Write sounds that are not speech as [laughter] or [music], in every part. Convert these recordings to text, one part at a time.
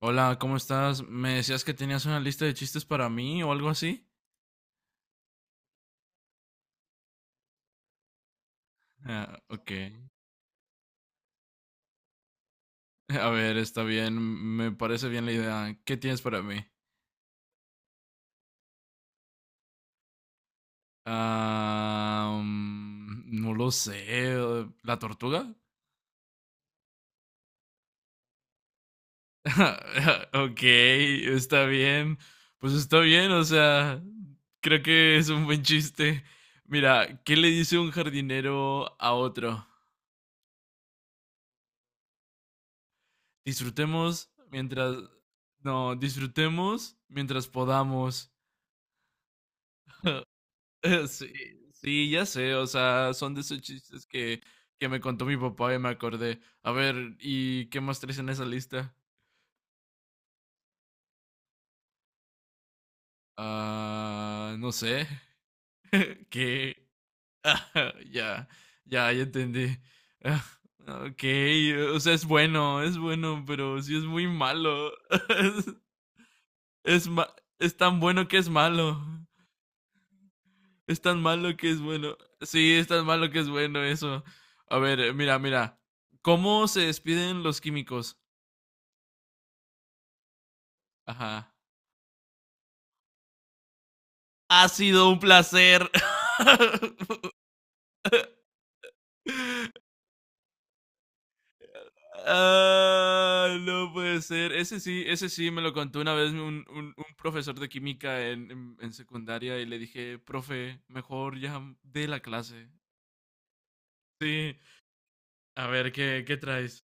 Hola, ¿cómo estás? Me decías que tenías una lista de chistes para mí o algo así. Ah, ok. [laughs] A ver, está bien. Me parece bien la idea. ¿Qué tienes para mí? Ah, mm, no lo sé. ¿La tortuga? [laughs] Ok, está bien. Pues está bien, o sea, creo que es un buen chiste. Mira, ¿qué le dice un jardinero a otro? Disfrutemos mientras... No, disfrutemos mientras podamos. [laughs] Sí, sí, ya sé, o sea, son de esos chistes que me contó mi papá y me acordé. A ver, ¿y qué más traes en esa lista? Ah, no sé, [laughs] ¿qué? [laughs] Ya, ya, ya entendí. Ah, ok, o sea, es bueno, pero sí es muy malo. [laughs] Es, es, ma- es tan bueno que es malo. Es tan malo que es bueno. Sí, es tan malo que es bueno eso. A ver, mira. ¿Cómo se despiden los químicos? Ajá. Ha sido un placer. [laughs] Ah, no puede ser. Ese sí me lo contó una vez un profesor de química en secundaria y le dije, profe, mejor ya de la clase. Sí, a ver, ¿qué traes?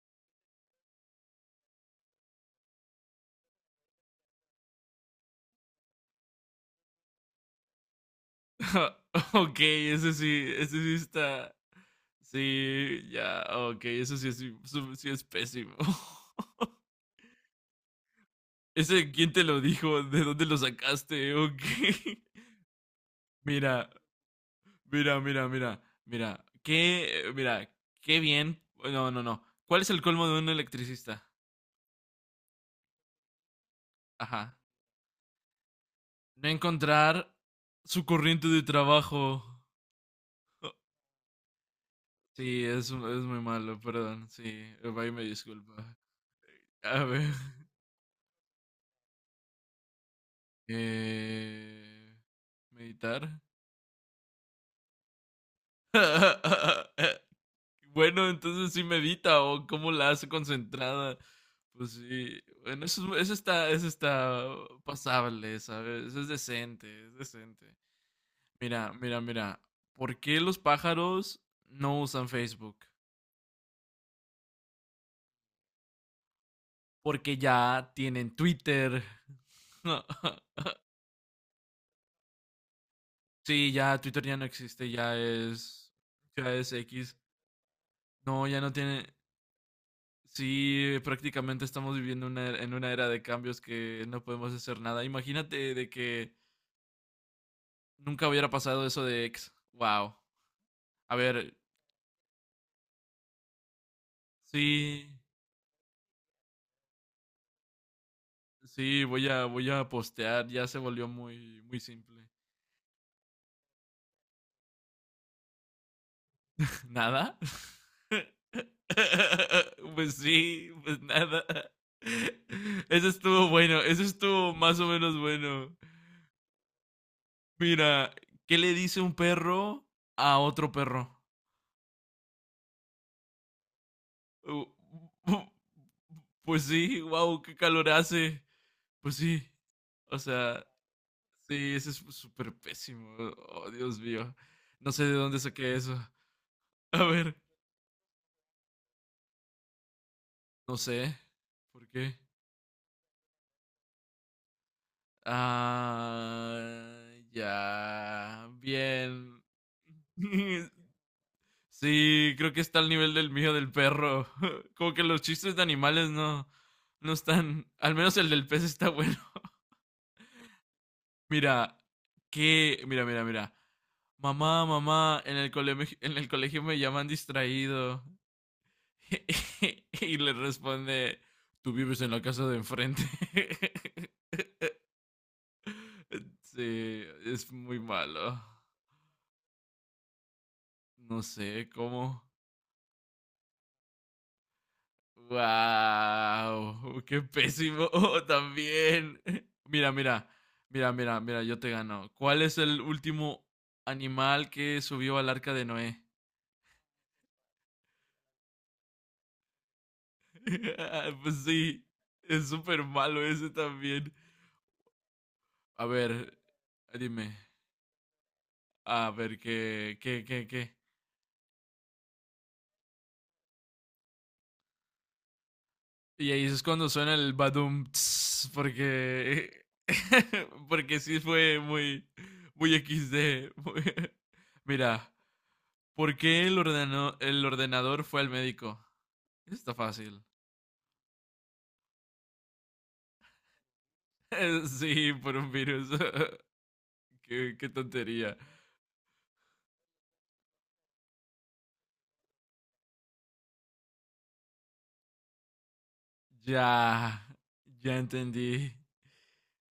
[laughs] Ok, ese sí está. Sí, ya, ok, eso sí es pésimo. [laughs] ¿Ese quién te lo dijo? ¿De dónde lo sacaste? Ok. [laughs] Mira, mira, qué, mira, qué bien. No. ¿Cuál es el colmo de un electricista? Ajá. No encontrar su corriente de trabajo. Sí, es muy malo, perdón. Sí, ahí me disculpa. A ver, eh, meditar. [laughs] Bueno, entonces sí medita o cómo la hace concentrada. Pues sí, bueno, eso está pasable, ¿sabes? Eso es decente, es decente. Mira. ¿Por qué los pájaros no usan Facebook? Porque ya tienen Twitter. [laughs] Sí, ya Twitter ya no existe, ya es X. No, ya no tiene. Sí, prácticamente estamos viviendo en una era de cambios que no podemos hacer nada. Imagínate de que nunca hubiera pasado eso de ex. Wow. A ver, sí, sí, voy a postear. Ya se volvió muy simple. [laughs] ¿Nada? [laughs] Pues sí, pues nada. Eso estuvo bueno, eso estuvo más o menos bueno. Mira, ¿qué le dice un perro a otro perro? Uh, [laughs] uh, pues sí, wow, qué calor hace. Pues sí. O sea, sí, ese es súper pésimo. Oh, Dios mío. No sé de dónde saqué eso. [laughs] A ver, no sé. ¿Por qué? Ah, ya. Bien. [laughs] Sí, creo que está al nivel del mío del perro. [laughs] Como que los chistes de animales no están. Al menos el del pez está bueno. [laughs] Mira, qué, mira. Mamá, mamá, en el colegio me llaman distraído. [laughs] Y le responde, tú vives en la casa de enfrente. [laughs] Sí, es muy malo. No sé cómo. ¡Wow! ¡Qué pésimo! [laughs] También. Mira, mira, mira, yo te gano. ¿Cuál es el último animal que subió al arca de Noé? [laughs] Pues sí, es súper malo ese también. A ver, dime. A ver, ¿qué? Y ahí es cuando suena el badum tss, porque [laughs] porque sí fue muy XD. [laughs] Mira, ¿por qué el ordeno- ¿el ordenador fue al médico? Está fácil. [laughs] Sí, por un virus. [laughs] Qué, qué tontería. Ya, ya entendí.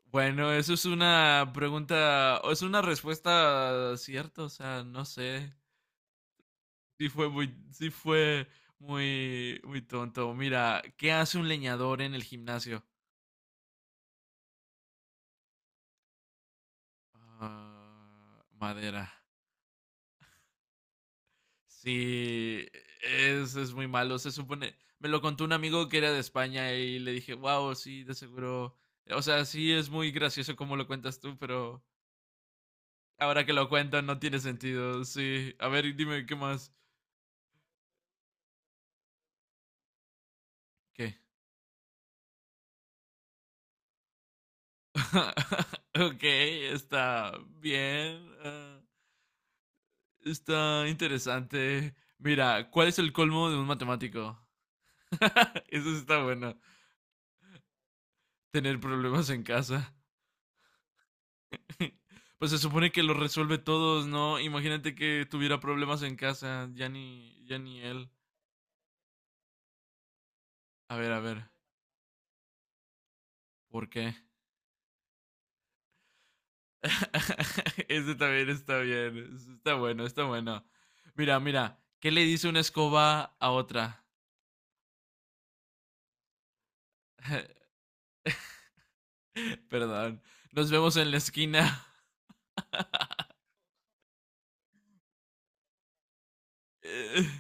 Bueno, eso es una pregunta, o es una respuesta cierta, o sea, no sé. Sí fue muy tonto. Mira, ¿qué hace un leñador en el gimnasio? Ah, madera. Sí, es muy malo. Se supone, me lo contó un amigo que era de España y le dije, wow, sí, de seguro. O sea, sí es muy gracioso como lo cuentas tú, pero ahora que lo cuentan no tiene sentido. Sí, a ver, dime qué más. ¿Qué? [laughs] Ok, está bien. Ah. Está interesante. Mira, ¿cuál es el colmo de un matemático? [laughs] Eso sí está bueno. Tener problemas en casa. [laughs] Pues se supone que lo resuelve todos, ¿no? Imagínate que tuviera problemas en casa. Ya ni él. A ver. ¿Por qué? [laughs] Ese también está bien. Está bueno, está bueno. Mira. ¿Qué le dice una escoba a otra? [laughs] Perdón. Nos vemos en la esquina. [laughs]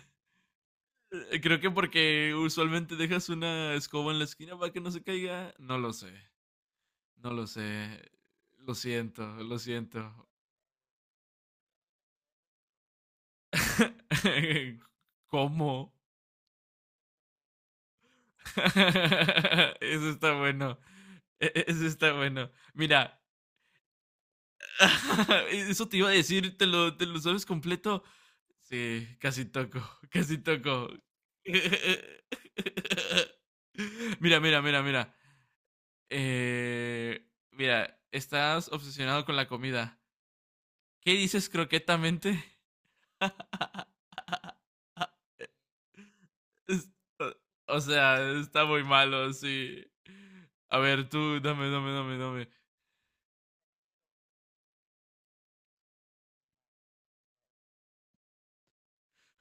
Creo que porque usualmente dejas una escoba en la esquina para que no se caiga. No lo sé. No lo sé. Lo siento, lo siento. [laughs] ¿Cómo? [laughs] Eso está bueno. Eso está bueno. Mira, [laughs] eso te iba a decir, ¿te lo sabes completo? Sí, casi toco, [laughs] casi toco. [laughs] Mira. Eh, mira, estás obsesionado con la comida. ¿Qué dices croquetamente? [laughs] Es- o sea, está muy malo, sí. A ver, tú, dame.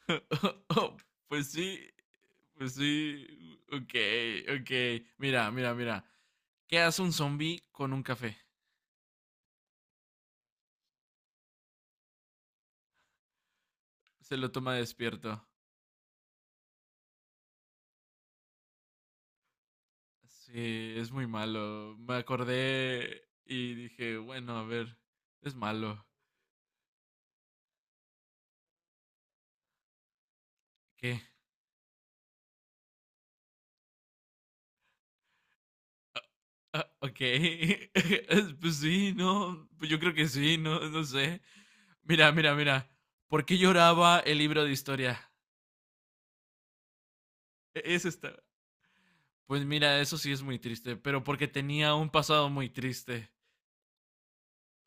[laughs] Pues sí, pues sí. Ok, ok. Mira. ¿Qué hace un zombie con un café? Se lo toma despierto. Sí, es muy malo. Me acordé y dije, bueno, a ver, es malo. ¿Qué? Ah, ok. [laughs] Pues sí, no. Pues yo creo que sí, no, no sé. Mira. ¿Por qué lloraba el libro de historia? Es esta. Pues mira, eso sí es muy triste, pero porque tenía un pasado muy triste.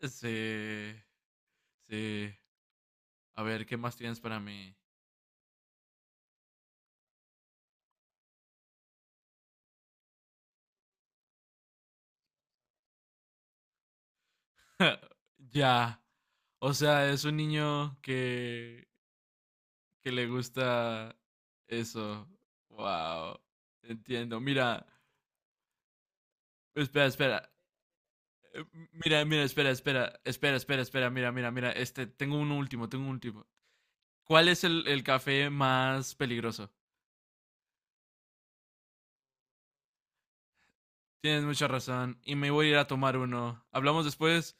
Sí. Sí. A ver, ¿qué más tienes para mí? [laughs] Ya. O sea, es un niño que le gusta eso. Wow. Entiendo. Mira, espera. Eh, espera, mira, este, tengo un último. ¿Cuál es el café más peligroso? Tienes mucha razón y me voy a ir a tomar uno. ¿Hablamos después?